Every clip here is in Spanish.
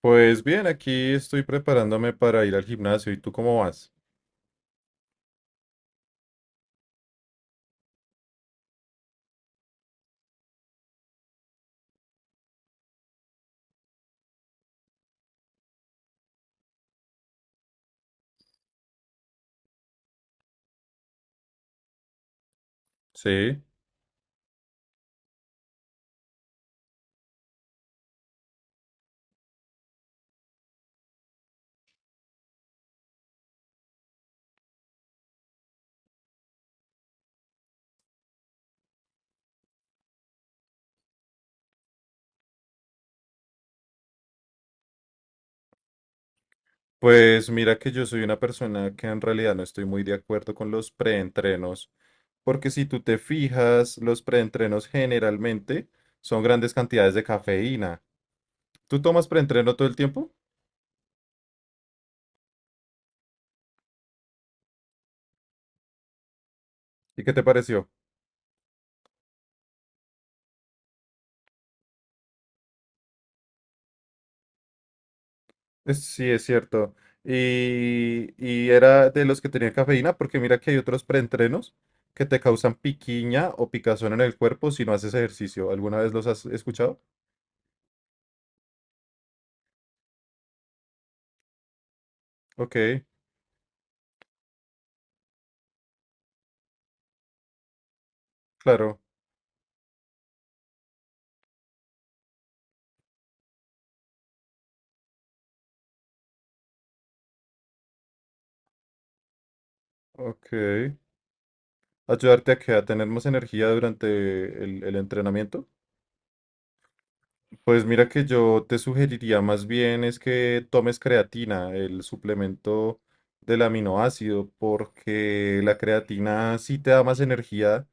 Pues bien, aquí estoy preparándome para ir al gimnasio. ¿Y tú cómo vas? Sí. Pues mira que yo soy una persona que en realidad no estoy muy de acuerdo con los preentrenos, porque si tú te fijas, los preentrenos generalmente son grandes cantidades de cafeína. ¿Tú tomas preentreno todo el tiempo? ¿Y qué te pareció? Sí, es cierto. Y era de los que tenían cafeína, porque mira que hay otros preentrenos que te causan piquiña o picazón en el cuerpo si no haces ejercicio. ¿Alguna vez los has escuchado? Ok, claro, ok. Ayudarte a que a tener más energía durante el entrenamiento. Pues mira que yo te sugeriría más bien es que tomes creatina, el suplemento del aminoácido, porque la creatina sí te da más energía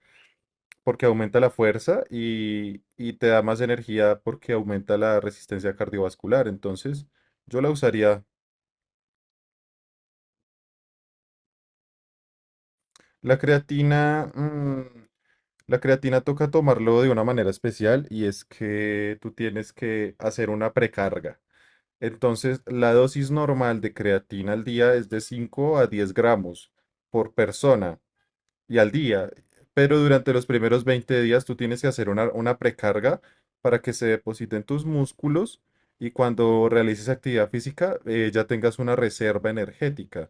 porque aumenta la fuerza y te da más energía porque aumenta la resistencia cardiovascular. Entonces, yo la usaría. La creatina, la creatina toca tomarlo de una manera especial y es que tú tienes que hacer una precarga. Entonces, la dosis normal de creatina al día es de 5 a 10 gramos por persona y al día. Pero durante los primeros 20 días tú tienes que hacer una precarga para que se depositen tus músculos y cuando realices actividad física ya tengas una reserva energética.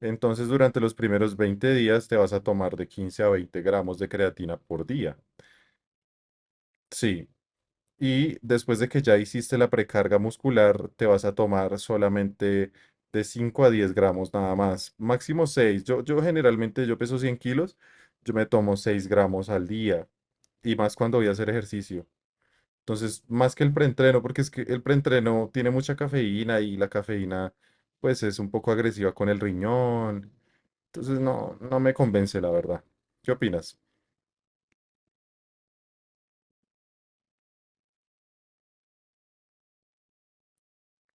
Entonces durante los primeros 20 días te vas a tomar de 15 a 20 gramos de creatina por día. Sí, y después de que ya hiciste la precarga muscular, te vas a tomar solamente de 5 a 10 gramos nada más, máximo 6. Yo generalmente, yo peso 100 kilos, yo me tomo 6 gramos al día, y más cuando voy a hacer ejercicio. Entonces, más que el preentreno, porque es que el preentreno tiene mucha cafeína y la cafeína, pues es un poco agresiva con el riñón. Entonces, no me convence, la verdad. ¿Qué opinas?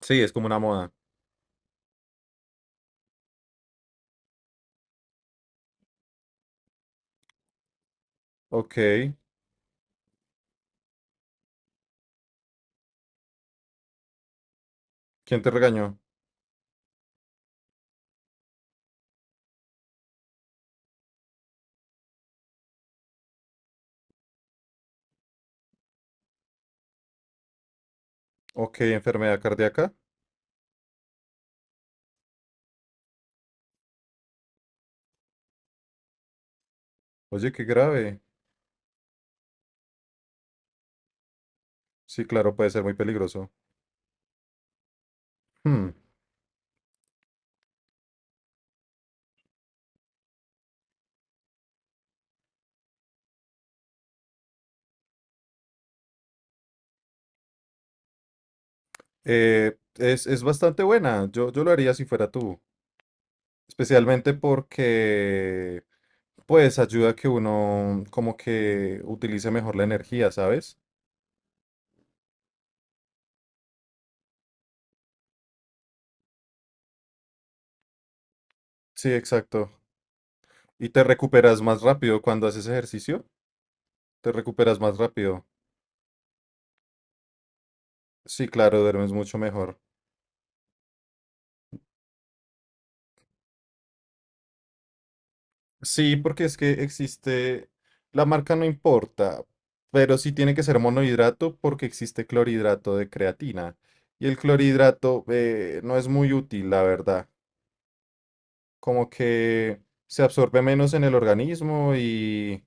Sí, es como una moda. Ok. ¿Quién te regañó? Ok, enfermedad cardíaca. Oye, qué grave. Sí, claro, puede ser muy peligroso. Hmm. Es bastante buena. Yo lo haría si fuera tú. Especialmente porque, pues, ayuda a que uno como que utilice mejor la energía, ¿sabes? Sí, exacto. Y te recuperas más rápido cuando haces ejercicio. Te recuperas más rápido. Sí, claro, duermes mucho mejor. Sí, porque es que existe, la marca no importa, pero sí tiene que ser monohidrato porque existe clorhidrato de creatina. Y el clorhidrato no es muy útil, la verdad. Como que se absorbe menos en el organismo y...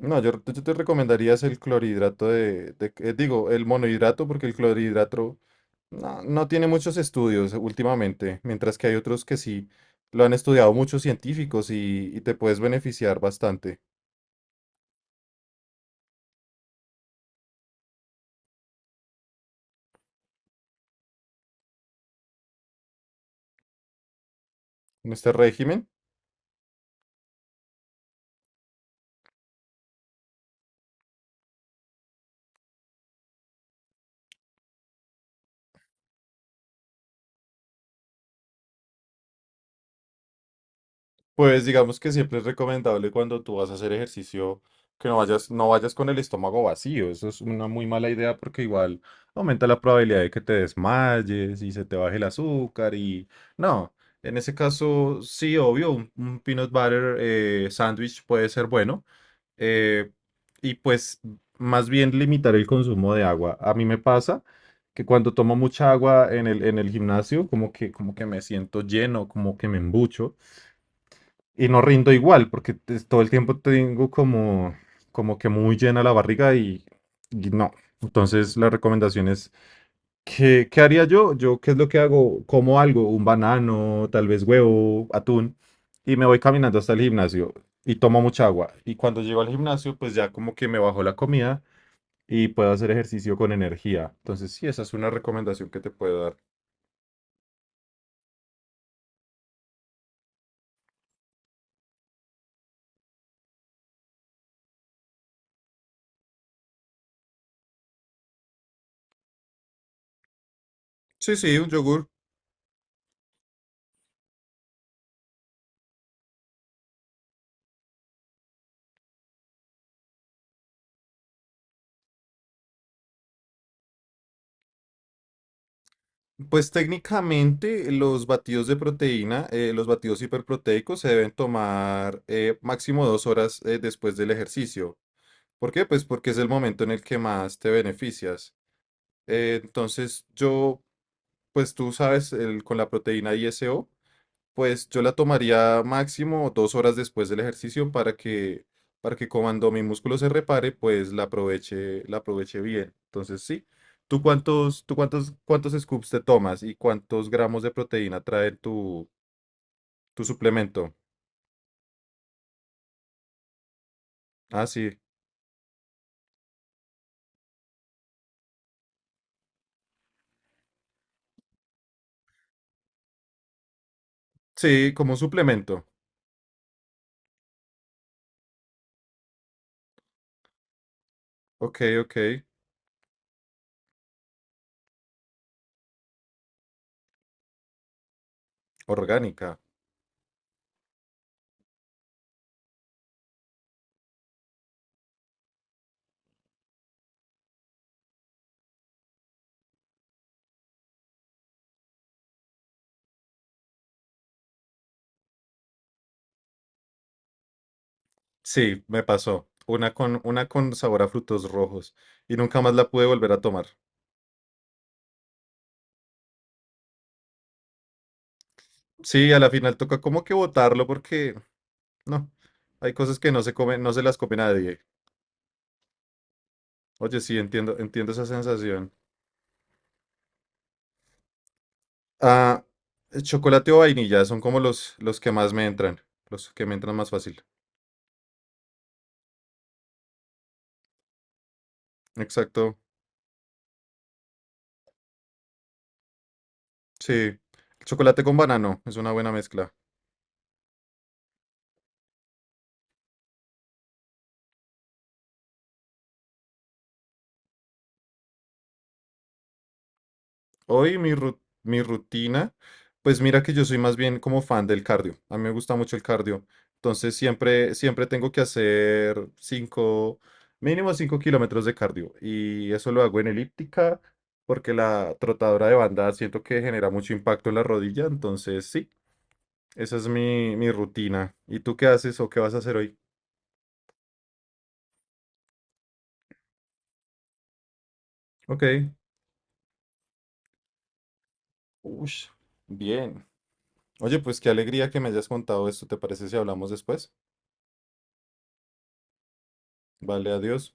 No, yo te recomendaría es el clorhidrato de, digo, el monohidrato porque el clorhidrato no tiene muchos estudios últimamente, mientras que hay otros que sí lo han estudiado muchos científicos y te puedes beneficiar bastante. En este régimen, pues digamos que siempre es recomendable cuando tú vas a hacer ejercicio que no vayas con el estómago vacío. Eso es una muy mala idea porque igual aumenta la probabilidad de que te desmayes y se te baje el azúcar y no. En ese caso, sí, obvio, un peanut butter sándwich puede ser bueno. eh, y pues más bien limitar el consumo de agua. A mí me pasa que cuando tomo mucha agua en en el gimnasio, como que me siento lleno, como que me embucho, y no rindo igual, porque todo el tiempo tengo como, como que muy llena la barriga y no. Entonces la recomendación es, ¿qué haría yo? Yo, ¿qué es lo que hago? Como algo, un banano, tal vez huevo, atún, y me voy caminando hasta el gimnasio y tomo mucha agua. Y cuando llego al gimnasio, pues ya como que me bajo la comida y puedo hacer ejercicio con energía. Entonces, sí, esa es una recomendación que te puedo dar. Sí, sí, un yogur. Pues técnicamente los batidos de proteína, los batidos hiperproteicos se deben tomar máximo 2 horas después del ejercicio. ¿Por qué? Pues porque es el momento en el que más te beneficias. Entonces yo, pues tú sabes, con la proteína ISO. Pues yo la tomaría máximo 2 horas después del ejercicio para que cuando mi músculo se repare, pues la aproveche bien. Entonces, sí. ¿Cuántos scoops te tomas y cuántos gramos de proteína trae tu, tu suplemento? Ah, sí. Sí, como un suplemento. Ok, ok. Orgánica. Sí, me pasó. Una con sabor a frutos rojos. Y nunca más la pude volver a tomar. Sí, a la final toca como que botarlo porque no, hay cosas que no se comen, no se las come nadie. Oye, sí, entiendo, entiendo esa sensación. Ah, chocolate o vainilla son como los que más me entran, los que me entran más fácil. Exacto, sí. Chocolate con banano es una buena mezcla. Mi rutina, pues mira que yo soy más bien como fan del cardio. A mí me gusta mucho el cardio. Entonces siempre tengo que hacer cinco, mínimo 5 kilómetros de cardio. Y eso lo hago en elíptica porque la trotadora de banda siento que genera mucho impacto en la rodilla. Entonces sí, esa es mi rutina. ¿Y tú qué haces o qué vas a hacer hoy? Ok. Ush, bien. Oye, pues qué alegría que me hayas contado esto. ¿Te parece si hablamos después? Vale, adiós.